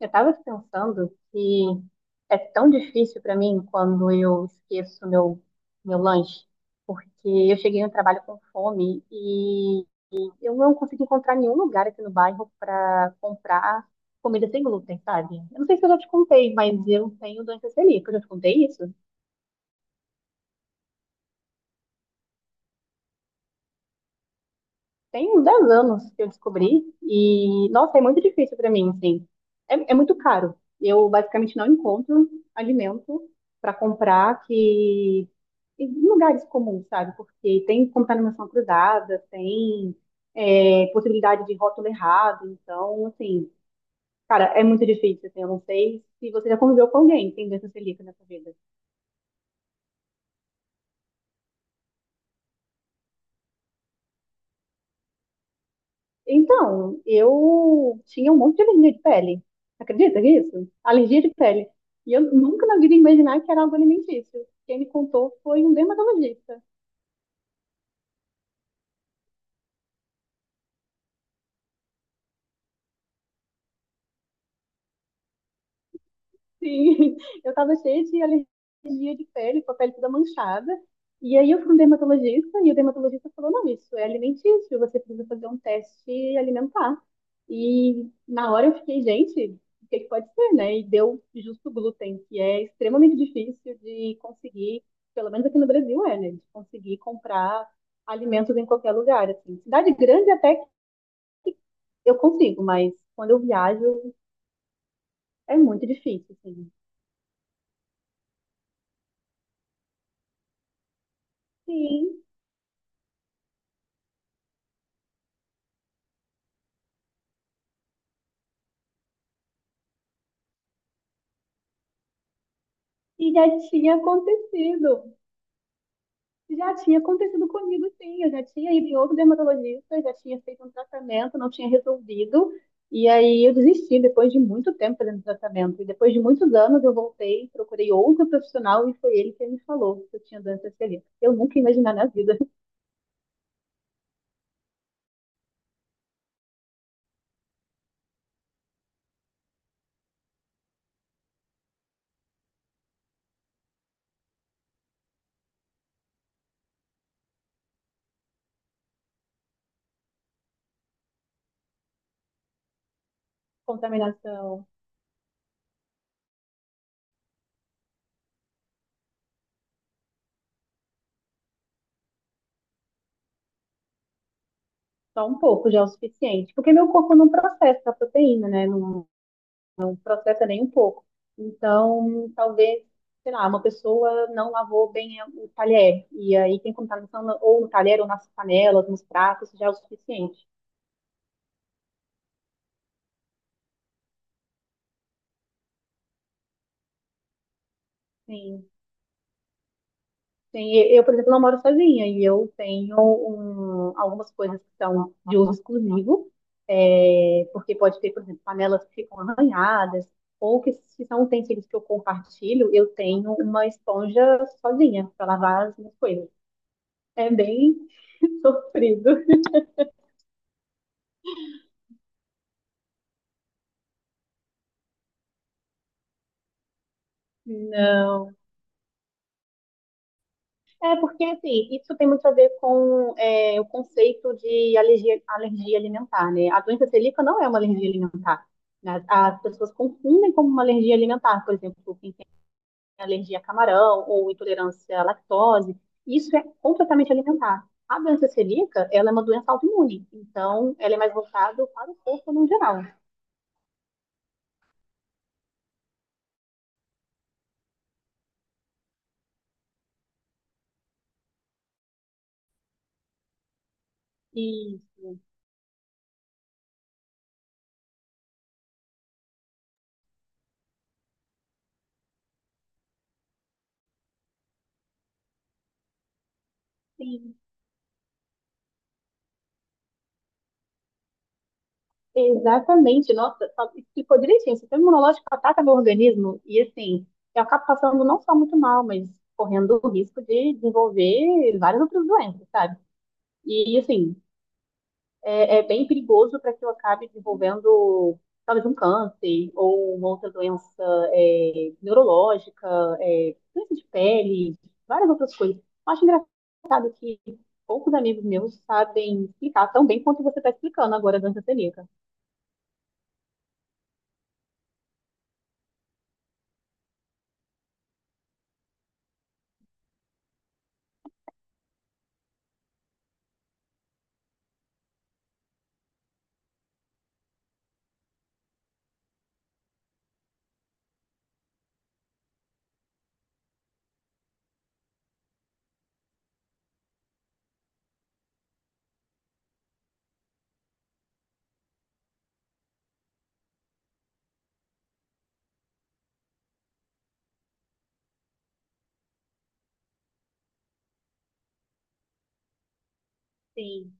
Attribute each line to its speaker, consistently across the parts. Speaker 1: Eu estava pensando que é tão difícil para mim quando eu esqueço meu lanche, porque eu cheguei no trabalho com fome e eu não consegui encontrar nenhum lugar aqui no bairro para comprar comida sem glúten, sabe? Eu não sei se eu já te contei, mas eu tenho doença celíaca. Eu já te contei isso? Tem uns 10 anos que eu descobri e, nossa, é muito difícil para mim, assim. É muito caro. Eu basicamente não encontro alimento para comprar que em lugares comuns, sabe? Porque tem contaminação cruzada, tem possibilidade de rótulo errado, então, assim, cara, é muito difícil, assim, eu não sei se você já conviveu com alguém que tem doença celíaca nessa vida. Então, eu tinha um monte de alergia de pele. Acredita nisso? Alergia de pele. E eu nunca na vida ia imaginar que era algo alimentício. Quem me contou foi um dermatologista. Sim, eu tava cheia de alergia de pele, com a pele toda manchada. E aí eu fui um dermatologista e o dermatologista falou, não, isso é alimentício, você precisa fazer um teste alimentar. E na hora eu fiquei, gente, o que é que pode ser, né? E deu justo o glúten, que é extremamente difícil de conseguir, pelo menos aqui no Brasil é, né? De conseguir comprar alimentos em qualquer lugar, assim. Cidade grande até que eu consigo, mas quando eu viajo é muito difícil, assim. Sim, e já tinha acontecido. Já tinha acontecido comigo, sim. Eu já tinha ido em outro dermatologista, eu já tinha feito um tratamento, não tinha resolvido. E aí eu desisti depois de muito tempo fazendo tratamento. E depois de muitos anos eu voltei, procurei outro profissional e foi ele que me falou que eu tinha doença celíaca. Eu nunca ia imaginar na vida. Contaminação. Só um pouco já é o suficiente, porque meu corpo não processa a proteína, né? Não, processa nem um pouco. Então, talvez, sei lá, uma pessoa não lavou bem o talher, e aí tem contaminação ou no talher, ou nas panelas, nos pratos, já é o suficiente. Sim, sim. E eu, por exemplo, não moro sozinha, e eu tenho algumas coisas que são de uso exclusivo, porque pode ter, por exemplo, panelas que ficam arranhadas, ou que se são utensílios que eu compartilho, eu tenho uma esponja sozinha para lavar as minhas coisas. É bem sofrido. Não. É porque, assim, isso tem muito a ver com o conceito de alergia, alergia alimentar, né? A doença celíaca não é uma alergia alimentar. Né? As pessoas confundem como uma alergia alimentar, por exemplo, quem tem alergia a camarão ou intolerância à lactose, isso é completamente alimentar. A doença celíaca, ela é uma doença autoimune, então ela é mais voltada para o corpo no geral. E sim, exatamente, nossa, só explicou direitinho. O sistema imunológico ataca meu organismo e, assim, eu acabo passando não só muito mal, mas correndo o risco de desenvolver várias outras doenças, sabe? E, assim, é bem perigoso para que eu acabe desenvolvendo talvez um câncer ou uma outra doença neurológica, doença de pele, várias outras coisas. Eu acho engraçado que poucos amigos meus sabem explicar tão bem quanto você está explicando agora a doença celíaca. Sim,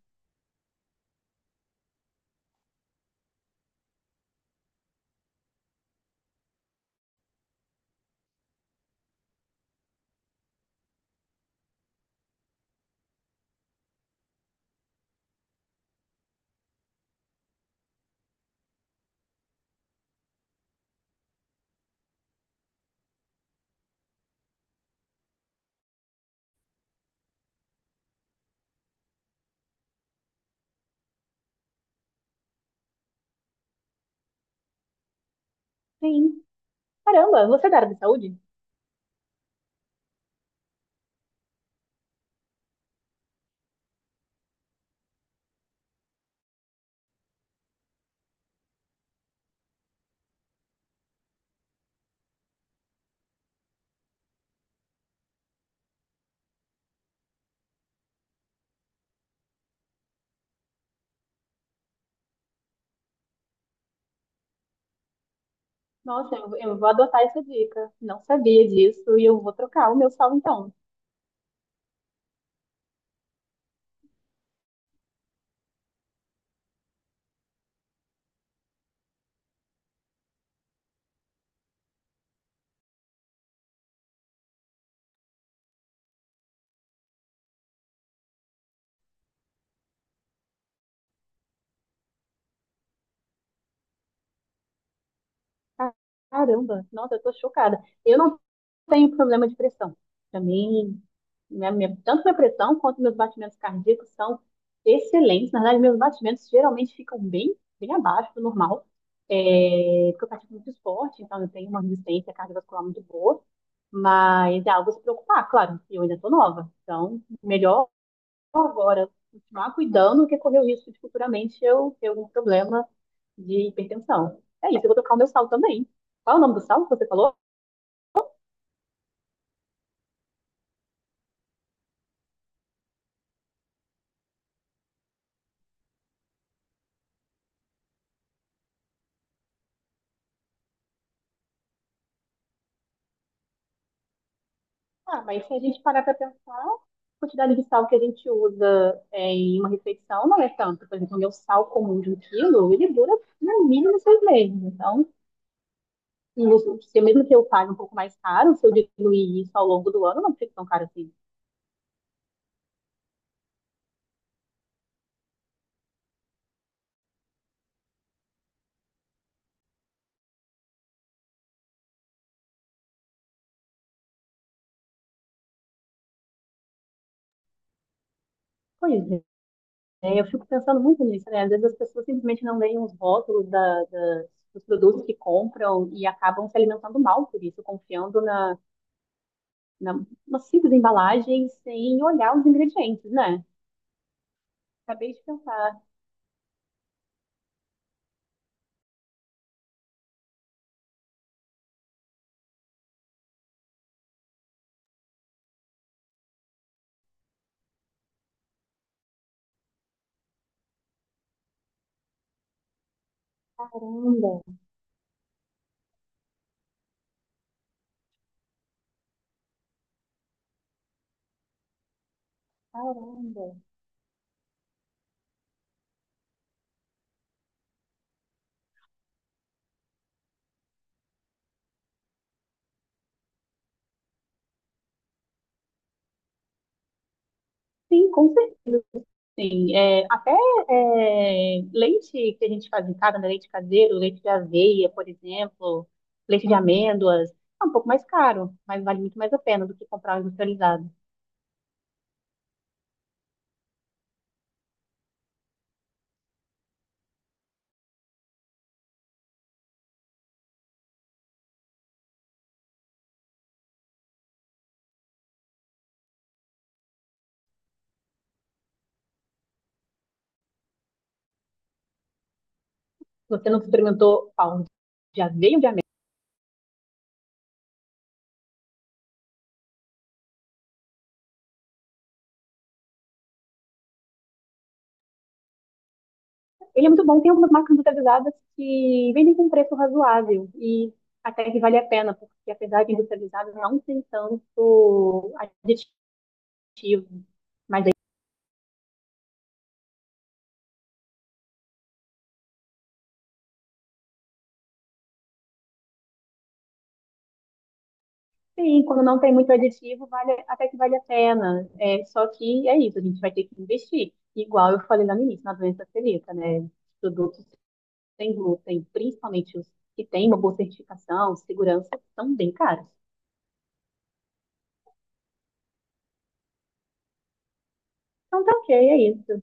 Speaker 1: sim. Caramba, você é da área de saúde? Nossa, eu vou adotar essa dica. Não sabia disso e eu vou trocar o meu sal então. Caramba, nossa, eu tô chocada. Eu não tenho problema de pressão. Pra mim, tanto minha pressão quanto meus batimentos cardíacos são excelentes. Na verdade, meus batimentos geralmente ficam bem abaixo do normal. É, porque eu pratico muito esporte, então eu tenho uma resistência cardiovascular muito boa. Mas é algo a se preocupar, claro. Eu ainda tô nova, então melhor agora continuar cuidando que é correr o risco de futuramente eu ter algum problema de hipertensão. É isso, eu vou tocar o meu sal também. Qual é o nome do sal que você falou? Ah, mas se a gente parar para pensar, a quantidade de sal que a gente usa em uma refeição não é tanto. Por exemplo, o meu sal comum de um quilo, ele dura no mínimo 6 meses. Então, se mesmo que eu pague um pouco mais caro, se eu diluir isso ao longo do ano, não fica tão caro assim. Pois é. Né? Eu fico pensando muito nisso, né? Às vezes as pessoas simplesmente não leem os rótulos dos produtos que compram e acabam se alimentando mal por isso, confiando na, na simples embalagem sem olhar os ingredientes, né? Acabei de pensar, caramba, caramba. Sim, com certeza. Sim. É, até leite que a gente faz em casa, né? Leite caseiro, leite de aveia, por exemplo, leite de amêndoas, é um pouco mais caro, mas vale muito mais a pena do que comprar um industrializado. Se você não experimentou aonde já veio de América, ele é muito bom. Tem algumas marcas industrializadas que vendem com preço razoável e até que vale a pena, porque apesar de industrializado, não tem tanto aditivo. Sim, quando não tem muito aditivo, vale, até que vale a pena. É, só que é isso, a gente vai ter que investir. Igual eu falei lá no início, na doença celíaca, né? Os produtos sem glúten, principalmente os que têm uma boa certificação, segurança, são bem caros. Então tá ok, é isso.